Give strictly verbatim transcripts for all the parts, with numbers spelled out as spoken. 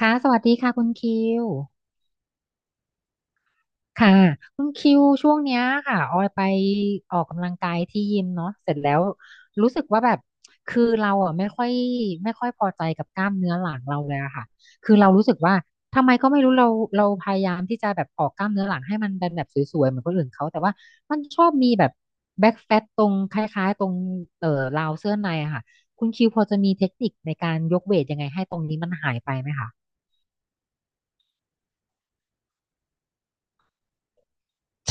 ค่ะสวัสดีค่ะคุณคิวค่ะคุณคิวช่วงเนี้ยค่ะออยไปออกกำลังกายที่ยิมเนาะเสร็จแล้วรู้สึกว่าแบบคือเราอ่ะไม่ค่อยไม่ค่อยพอใจกับกล้ามเนื้อหลังเราเลยอะค่ะคือเรารู้สึกว่าทำไมก็ไม่รู้เราเราพยายามที่จะแบบออกกล้ามเนื้อหลังให้มันเป็นแบบสวยๆเหมือนคนอื่นเขาแต่ว่ามันชอบมีแบบแบ็กแฟตตรงคล้ายๆตรงเอ่อราวเสื้อในอะค่ะคุณคิวพอจะมีเทคนิคในการยกเวทยังไงให้ตรงนี้มันหายไปไหมคะ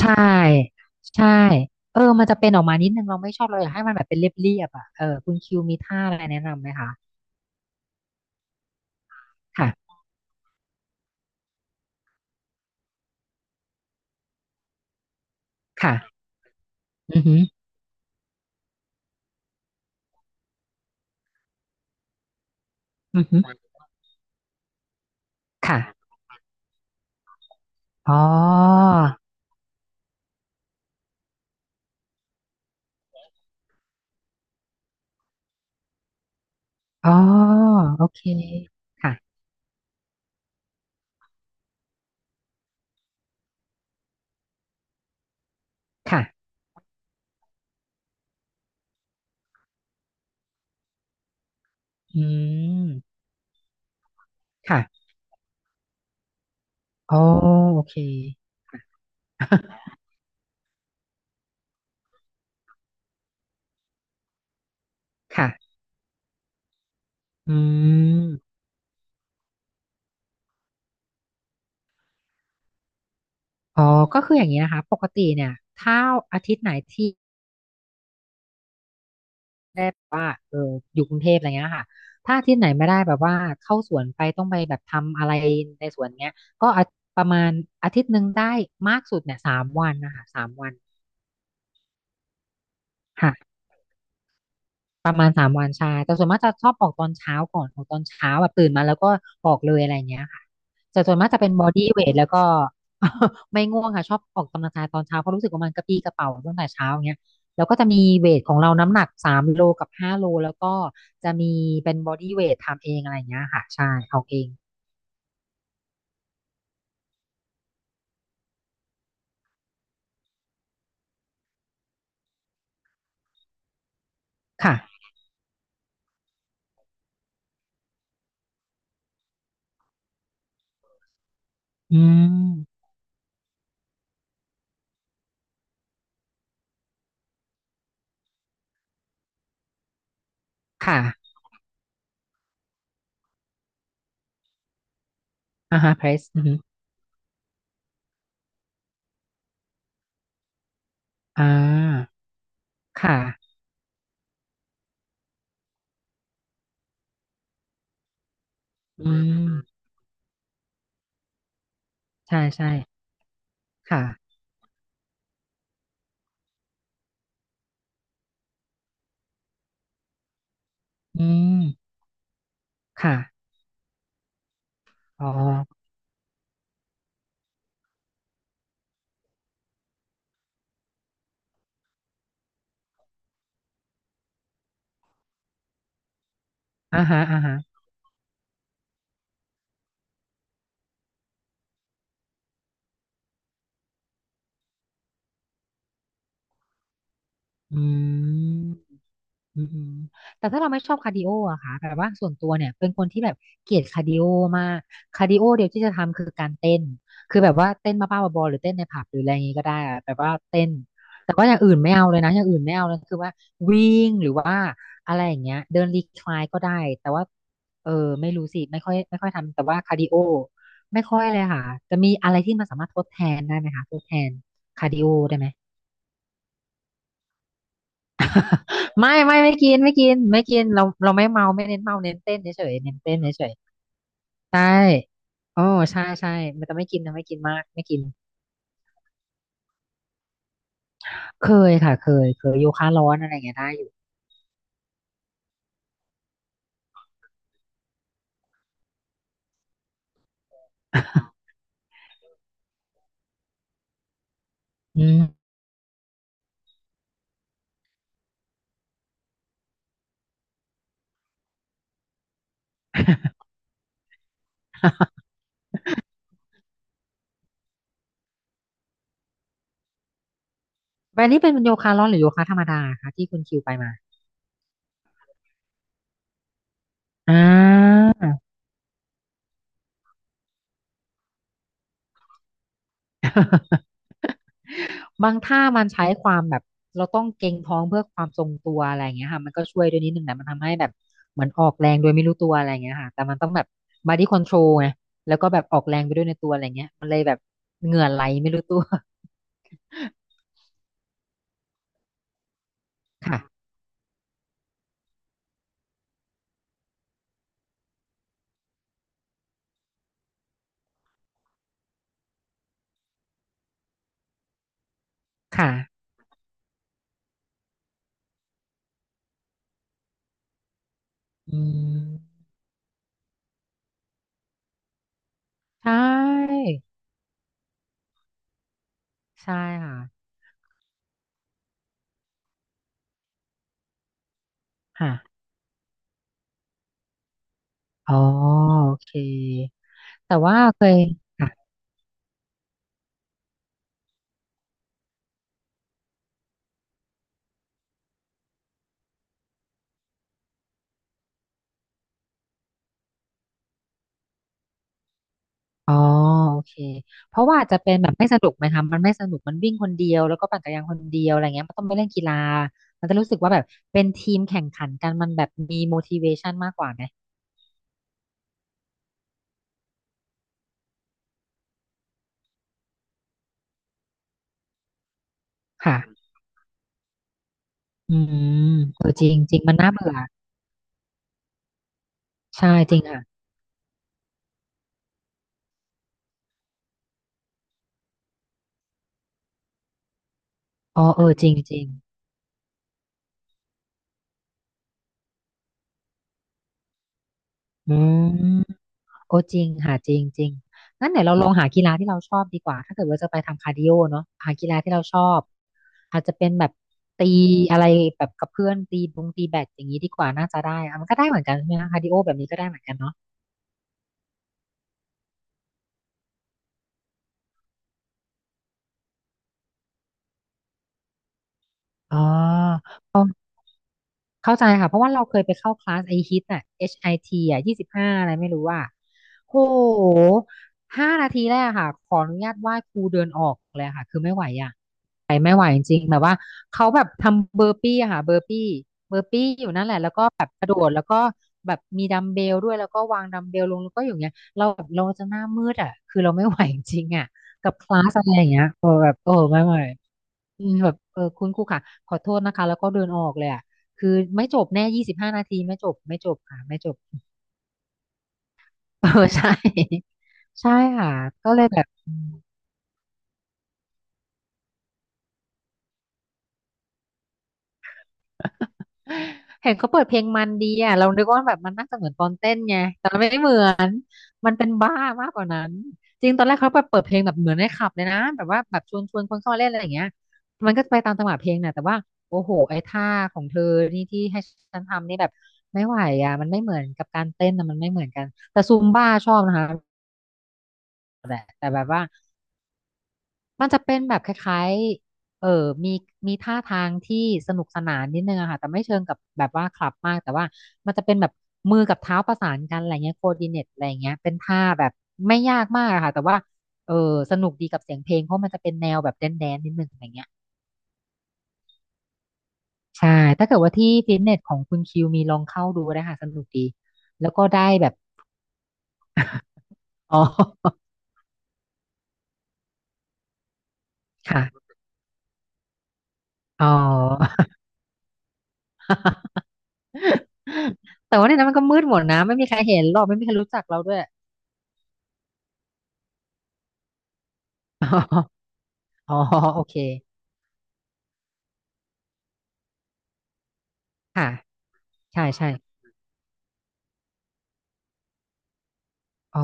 ใช่ใช่เออมันจะเป็นออกมานิดนึงเราไม่ชอบเราอยากให้มันแบบเป็นเรียบๆอ่ะเออคุณคิวมีท่าอะไรแนะนำไหมคะค่ะค่ะอือหืออือหือค่ะอ๋ออ๋อโอเคค่ะค่ะอืมค่ะอ๋อโอเค ค่ะอืมอ๋อก็คืออย่างนี้นะคะปกติเนี่ยถ้าอาทิตย์ไหนที่ ได้แบบว่าเอออยู่กรุงเทพอะไรเงี้ยค่ะถ้าอาที่ไหนไม่ได้แบบว่าเข้าสวนไปต้องไปแบบทำอะไรในสวนเงี้ย ก็อาประมาณอาทิตย์หนึ่งได้มากสุดเนี่ยสามวันนะคะสามวันค่ะ ประมาณสามวันใช่แต่ส่วนมากจะชอบออกตอนเช้าก่อนออกตอนเช้าแบบตื่นมาแล้วก็ออกเลยอะไรเงี้ยค่ะแต่ส่วนมากจะเป็นบอดี้เวทแล้วก็ ไม่ง่วงค่ะชอบออกกำลังกายตอนเช้าเพราะรู้สึกว่ามันกระปรี้กระเป๋าตั้งแต่เช้าอย่างเงี้ยแล้วก็จะมีเวทของเราน้ำหนักสามโลกับห้าโลแล้วก็จะมีเป็นบอดี้เวททำเองอะไรเงี้ยค่ะใช่ออกเองค่ะอืมค่ะอ่าฮะเพรสอือฮึอ่าค่ะอืมใช่ใช่ค่ะอืมค่ะอ๋อ อ่าฮะอ่าฮะอืมอืมอืมแต่ถ้าเราไม่ชอบคาร์ดิโออะค่ะแบบว่าส่วนตัวเนี่ยเป็นคนที่แบบเกลียดคาร์ดิโอมากคาร์ดิโอเดียวที่จะทำคือการเต้นคือแบบว่าเต้นบ้าๆบอๆหรือเต้นในผับหรืออะไรอย่างงี้ก็ได้อะแบบว่าเต้นแต่ว่าอย่างอื่นไม่เอาเลยนะอย่างอื่นไม่เอาเลยคือว่าวิ่งหรือว่าอะไรอย่างเงี้ยเดินรีคลายก็ได้แต่ว่าเออไม่รู้สิไม่ค่อยไม่ค่อยทำแต่ว่าคาร์ดิโอไม่ค่อยเลยค่ะจะมีอะไรที่มันสามารถทดแทนได้ไหมคะทดแทนคาร์ดิโอได้ไหม ไม่ไม่ไม่กินไม่กินไม่กินเราเราไม่เมาไม่เน้นเมาเน้นเต้นเฉยๆเน้นเต้นเฉยๆใช่โอ้ใช่ใช่มันจะไม่กินนะไม่กินมากไม่กินเคยค่ะเคยเคยโยคะร้อนอะไรอย่างเงี้ยได้อยู่ อืม แบบนี้เป็นโยคะร้อนหรือโยคะธรรมดาคะที่คุณคิวไปมาอ่า บางท่ามันใช้ความแบบเราต้องเกร็งท้องเพื่อความทรงตัวอะไรอย่างเงี้ยค่ะมันก็ช่วยด้วยนิดนึงนะมันทำให้แบบเหมือนออกแรงโดยไม่รู้ตัวอะไรอย่างเงี้ยค่ะแต่มันต้องแบบ body control ไงแล้วก็แบบออกแรงไปด้วยในตัวอะไรเงี้ยมันเลยแบบเหงื่อไหลไม่รู้ตัว ค่ะค่ะอืมใช่ใช่ค่ะค่ะอ๋อโอเคแต่ว่าเคย อ๋อโอเคเพราะว่าอาจจะเป็นแบบไม่สนุกไหมคะมันไม่สนุกมันวิ่งคนเดียวแล้วก็ปั่นจักรยานคนเดียวอะไรเงี้ยมันต้องไปเล่นกีฬามันจะรู้สึกว่าแบบเป็นทีมแข่งขันกันมันแบบมี motivation มากกว่าไหมค่ะอืมเออจริงจริงมันน่าเบื่อใช่จริงค่ะอ๋อเออจริงจริงอืม โอ้จริงหาจริงจริงงั้นไหนวเราลองหากีฬาที่เราชอบดีกว่าถ้าเกิดว่าจะไปทำคาร์ดิโอเนาะหากีฬาที่เราชอบอาจจะเป็นแบบตีอะไรแบบกับเพื่อนตีบงตีแบดอย่างนี้ดีกว่าน่าจะได้อะมันก็ได้เหมือนกันใช่ไหมคะคาร์ดิโอแบบนี้ก็ได้เหมือนกันเนาะอ๋อเข้าเข้าใจค่ะเพราะว่าเราเคยไปเข้าคลาสไอฮิตอะ เอช ไอ ที อชไอทีอะยี่สิบห้าอะไรไม่รู้ว่าโ้โหห้านาทีแรกอะค่ะขออนุญาตไหว้ครูเดินออกเลยอะค่ะคือไม่ไหวอะ ไม่ไหวจริงๆแบบว่าเขาแบบทำเบอร์ปี้อะค่ะเบอร์ปี้เบอร์ปี้อยู่นั่นแหละแล้วก็แบบกระโดดแล้วก็แบบมีดัมเบลด้วยแล้วก็วางดัมเบลลงแล้วก็อยู่อย่างเงี้ยเราแบบเราจะหน้ามืดอ่ะคือเราไม่ไหวจริงๆอ่ะกับคลาสอะไรอย่างเงี้ยเออแบบโอ้ไม่ไหวอืมแบบเออคุณครูค่ะขอโทษนะคะแล้วก็เดินออกเลยอ่ะคือไม่จบแน่ยี่สิบห้านาทีไม่จบไม่จบค่ะไม่จบ เออใช่ ใช่ค่ะก็เลยแบบ เห็นเขาเปิดเพลงมันดีอ่ะเรานึกว่าแบบมันน่าจะเหมือนตอนเต้นไงแต่มันไม่เหมือนมันเป็นบ้ามากกว่านั้นจริงตอนแรกเขาไปเปิดเพลงแบบเหมือนในคลับเลยนะแบบว่าแบบชวนชวนคนเข้ามาเล่นอะไรอย่างเงี้ยมันก็จะไปตามจังหวะเพลงน่ะแต่ว่าโอ้โหไอ้ท่าของเธอนี่ที่ให้ฉันทำนี่แบบไม่ไหวอ่ะมันไม่เหมือนกับการเต้นนะมันไม่เหมือนกันแต่ซูมบ้าชอบนะคะแต่แต่แบบว่า มันจะเป็นแบบคล้ายๆเออมีมีท่าทางที่สนุกสนานนิดนึงอะค่ะแต่ไม่เชิงกับแบบว่าคลับมากแต่ว่ามันจะเป็นแบบมือกับเท้าประสานกันอะไรเงี้ยโคดิเนตอะไรเงี้ยเป็นท่าแบบไม่ยากมากอะค่ะแต่ว่าเออสนุกดีกับเสียงเพลงเพราะมันจะเป็นแนวแบบแดนแดนนิดนึงอะไรเงี้ยใช่ถ้าเกิดว่าที่ฟิตเนสของคุณคิวมีลองเข้าดูได้ค่ะสนุกดีแล้วก็ได้แบบ อ๋อค่ะอ๋อ แต่ว่าในนั้นมันก็มืดหมดนะไม่มีใครเห็นหรอกไม่มีใครรู้จักเราด้วย อ๋ออ๋อ โอเคค่ะใช่ ใช่ อ๋อ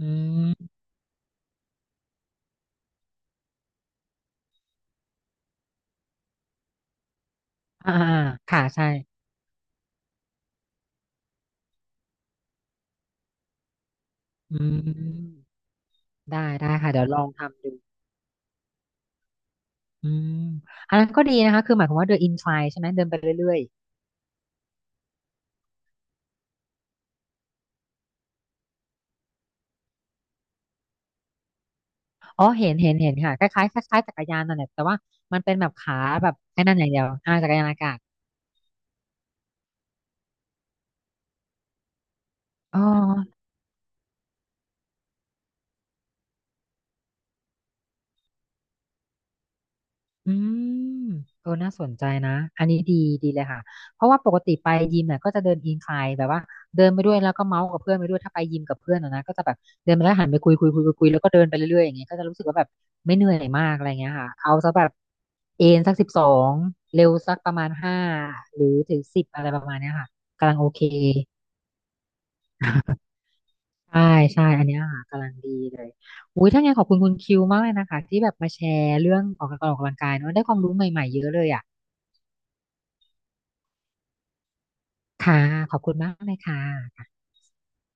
อืมอ่าค่ะ ใช่อืมได้ ได้ค่ะ เดี๋ยวลองทำดูอืมอันนั้นก็ดีนะคะ คือหมายความว่าเดินอินไ i ใช่ไหม เดินไปเรื่อยๆ อ๋อ เห็น เห็นเห็นค่ะ คล้ายๆคล้ายๆจักรยานนั่นแหละแต่ว่ามันเป็นแบบขาแบบไอ้นั่นอย่างเดียวอ่าจักรยานอากาศอ๋อ อืมเออน่าสนใจนะอันนี้ดีดีเลยค่ะเพราะว่าปกติไปยิมเนี่ยก็จะเดินอินคลายแบบว่าเดินไปด้วยแล้วก็เมาส์กับเพื่อนไปด้วยถ้าไปยิมกับเพื่อนอะนะก็จะแบบเดินไปแล้วหันไปคุยคุยคุยคุยคุยแล้วก็เดินไปเรื่อยๆอย่างเงี้ยก็จะรู้สึกว่าแบบไม่เหนื่อยมากอะไรเงี้ยค่ะเอาซะแบบเอนสักสิบสองเร็วสักประมาณห้าหรือถึงสิบอะไรประมาณเนี้ยค่ะกำลังโอเค ใช่ใช่อันเนี้ยค่ะกำลังดีเลยอุ้ยถ้าไงนขอบคุณคุณคิวมากเลยนะคะที่แบบมาแชร์เรื่องออกกำลังกายเนอะได้ความรู้ใหม่ๆเยอะเลยอ่ะ ค่ะขอบคุณมากเลยค่ะ